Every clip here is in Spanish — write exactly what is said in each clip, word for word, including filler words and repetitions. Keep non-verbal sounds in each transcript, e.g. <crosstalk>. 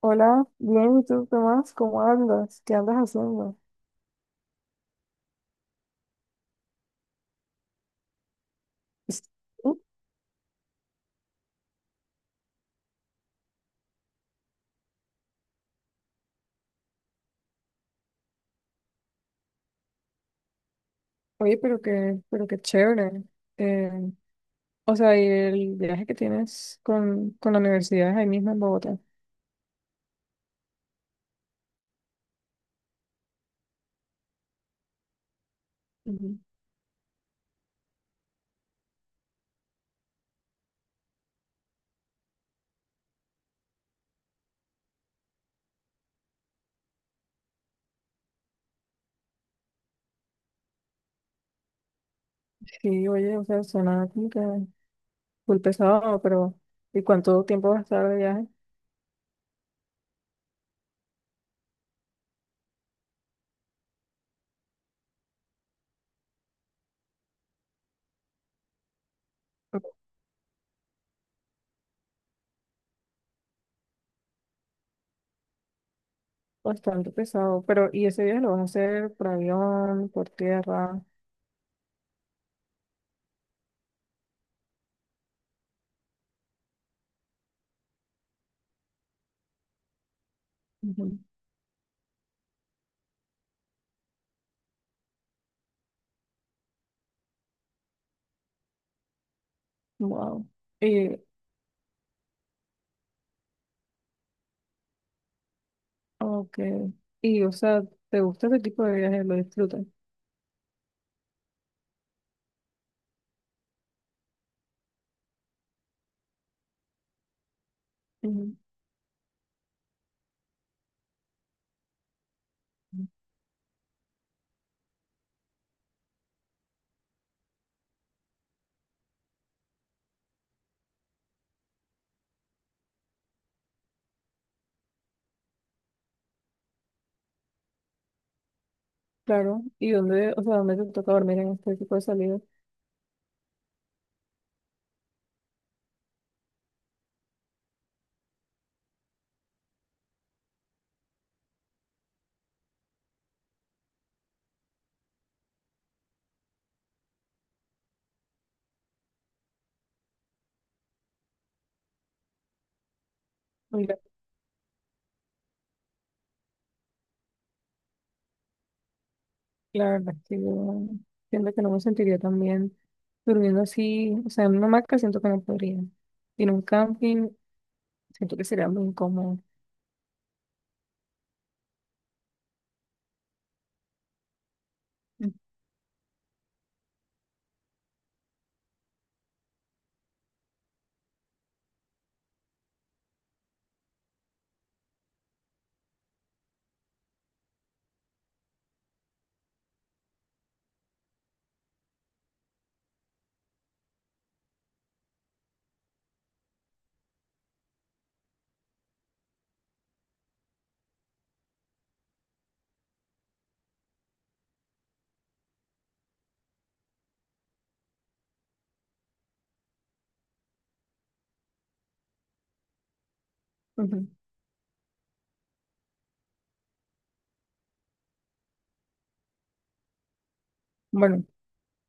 Hola, bien, ¿y tú qué más? ¿Cómo andas? ¿Qué andas haciendo? Uh, Oye, pero qué, pero qué chévere. Eh, o sea, y el viaje que tienes con, con la universidad es ahí mismo en Bogotá. Ujú. Sí, oye, o sea, suena como que full pesado, pero ¿y cuánto tiempo vas a estar de viaje? Bastante pesado, pero ¿y ese viaje lo vas a hacer por avión, por tierra? Ujú. Wow. Y, ok. Y, o sea, ¿te gusta ese tipo de viajes? ¿Lo disfrutas? Ujú. Claro, ¿y dónde, o sea, dónde te toca dormir en este tipo de salidas? Mira, la verdad es que yo siento que no me sentiría tan bien durmiendo así, o sea, en una hamaca siento que no podría. Y en un camping siento que sería muy incómodo. Ujú. Bueno,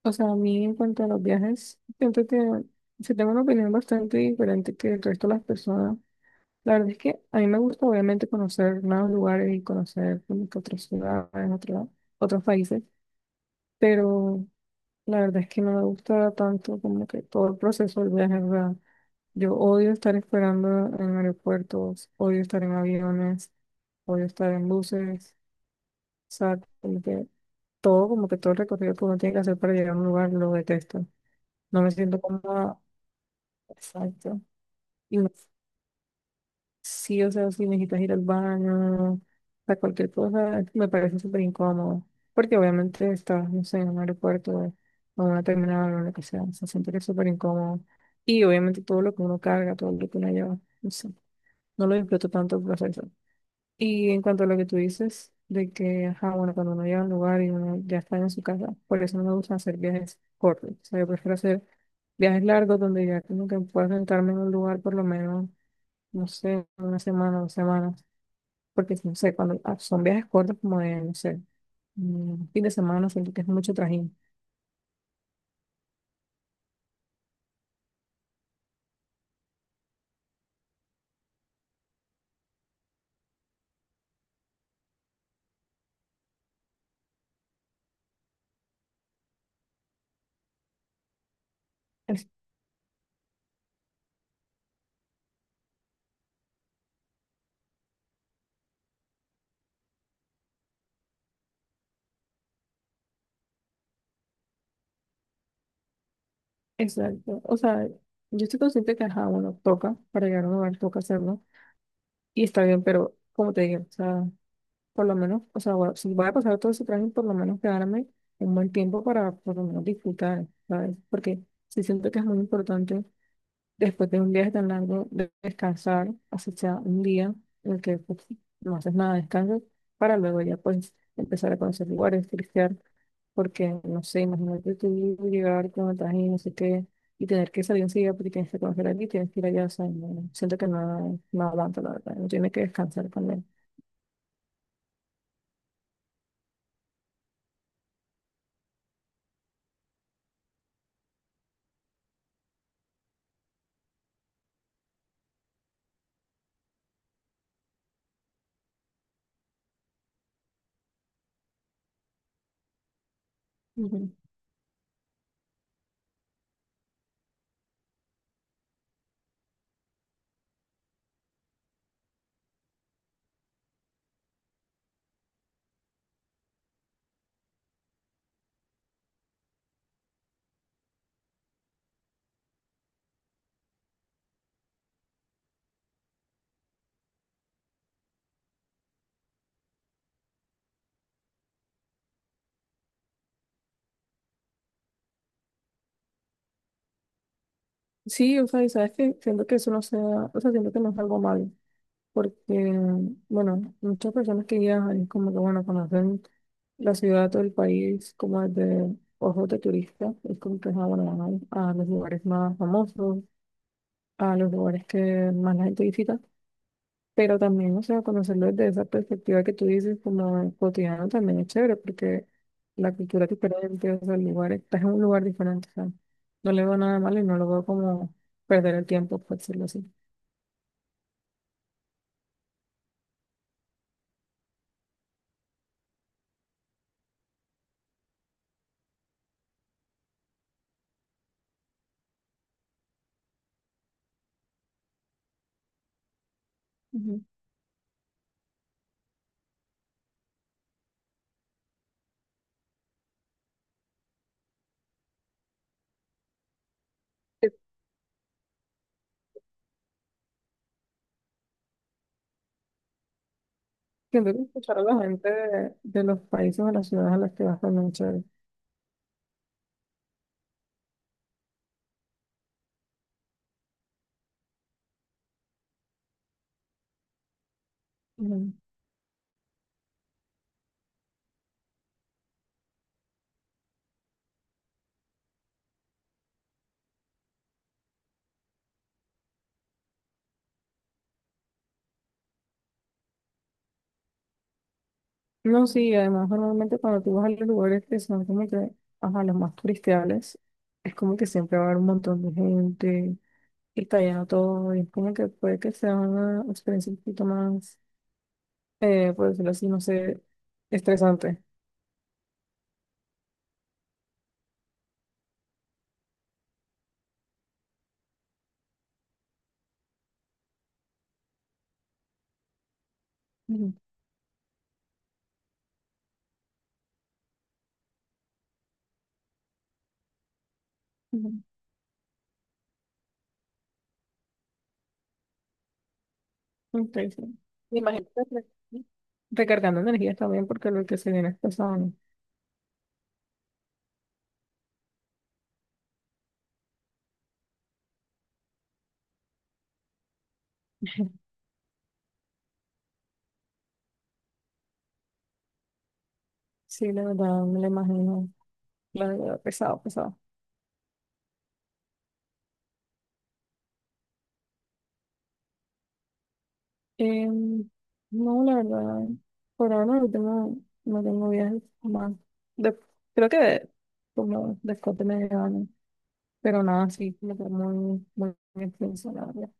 o sea, a mí en cuanto a los viajes, siento que se tengo una opinión bastante diferente que el resto de las personas. La verdad es que a mí me gusta obviamente conocer nuevos lugares y conocer como que otras ciudades, otro- otros países, pero la verdad es que no me gusta tanto como que todo el proceso del viaje, o sea, yo odio estar esperando en aeropuertos, odio estar en aviones, odio estar en buses, o sea, como que todo, como que todo el recorrido que uno tiene que hacer para llegar a un lugar lo detesto. No me siento cómoda, exacto. Y no- Sí, o sea, si necesitas ir al baño, a cualquier cosa, me parece súper incómodo. Porque obviamente estás, no sé, en un aeropuerto o en una terminal o lo que sea. O sea, siento que es súper incómodo. Y obviamente todo lo que uno carga, todo lo que uno lleva, no sé, no lo disfruto tanto el proceso. Y en cuanto a lo que tú dices, de que, ajá, bueno, cuando uno llega a un lugar y uno ya está en su casa, por eso no me gusta hacer viajes cortos. O sea, yo prefiero hacer viajes largos donde ya como que pueda sentarme en un lugar por lo menos, no sé, una semana, dos semanas porque no sé, cuando ah, son viajes cortos como de, no sé, un fin de semana, siento que es mucho trajín. Es- exacto. O sea, yo estoy consciente que, ajá, bueno, toca, para llegar a un lugar toca hacerlo, y está bien, pero como te digo, o sea, por lo menos, o sea, bueno, si voy a pasar todo ese trajín, por lo menos quedarme un buen tiempo para por lo menos disfrutar, ¿sabes? Porque sí siento que es muy importante después de un viaje tan largo, de descansar, así sea un día en el que pues, no haces nada, descansas, para luego ya pues empezar a conocer lugares, turistear, porque no sé, imagínate tú llegar con el traje y no sé qué, y tener que salir enseguida porque tienes que conocer aquí, tienes que ir allá, o sea, no- siento que no, no aguanto, la verdad, uno tiene que descansar también. Ujú. Sí, o sea, y sabes que siento que eso no sea, o sea, siento que no es algo malo. Porque, bueno, muchas personas que viajan es como que, bueno, conocen la ciudad o el país como desde ojos de turista, es como que, ah, bueno, van a los lugares más famosos, a los lugares que más la gente visita, pero también, o sea, conocerlo desde esa perspectiva que tú dices como cotidiano también es chévere, porque la cultura es diferente, o sea, el lugar, estás en un lugar diferente, o sea, no le veo nada malo y no lo veo como perder el tiempo, por decirlo así. Ujú. Siento que escuchar a la gente de, de los países o las ciudades a las que vas también es chévere. Ujú. No, sí, además normalmente cuando tú vas a los lugares que son como que, ajá, los más turistiales, es como que siempre va a haber un montón de gente y está lleno todo y es como que puede que sea una experiencia un poquito más, eh, por decirlo así, no sé, estresante. Ujú, ujú. Interesante. Me imagino que re- recargando energías también porque lo que se viene es pesado, ¿no? <laughs> Sí, la verdad, me lo imagino. La verdad, pesado, pesado. Em, no, la verdad, por ahora no tengo, no tengo viajes más. De- Creo que de- como después de medio año, pero nada, sí, como que muy, muy extenso, la verdad.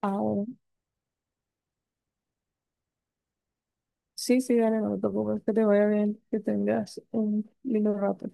Ahora, sí, sí, dale, no te preocupes, que te vaya bien, que tengas un lindo rato.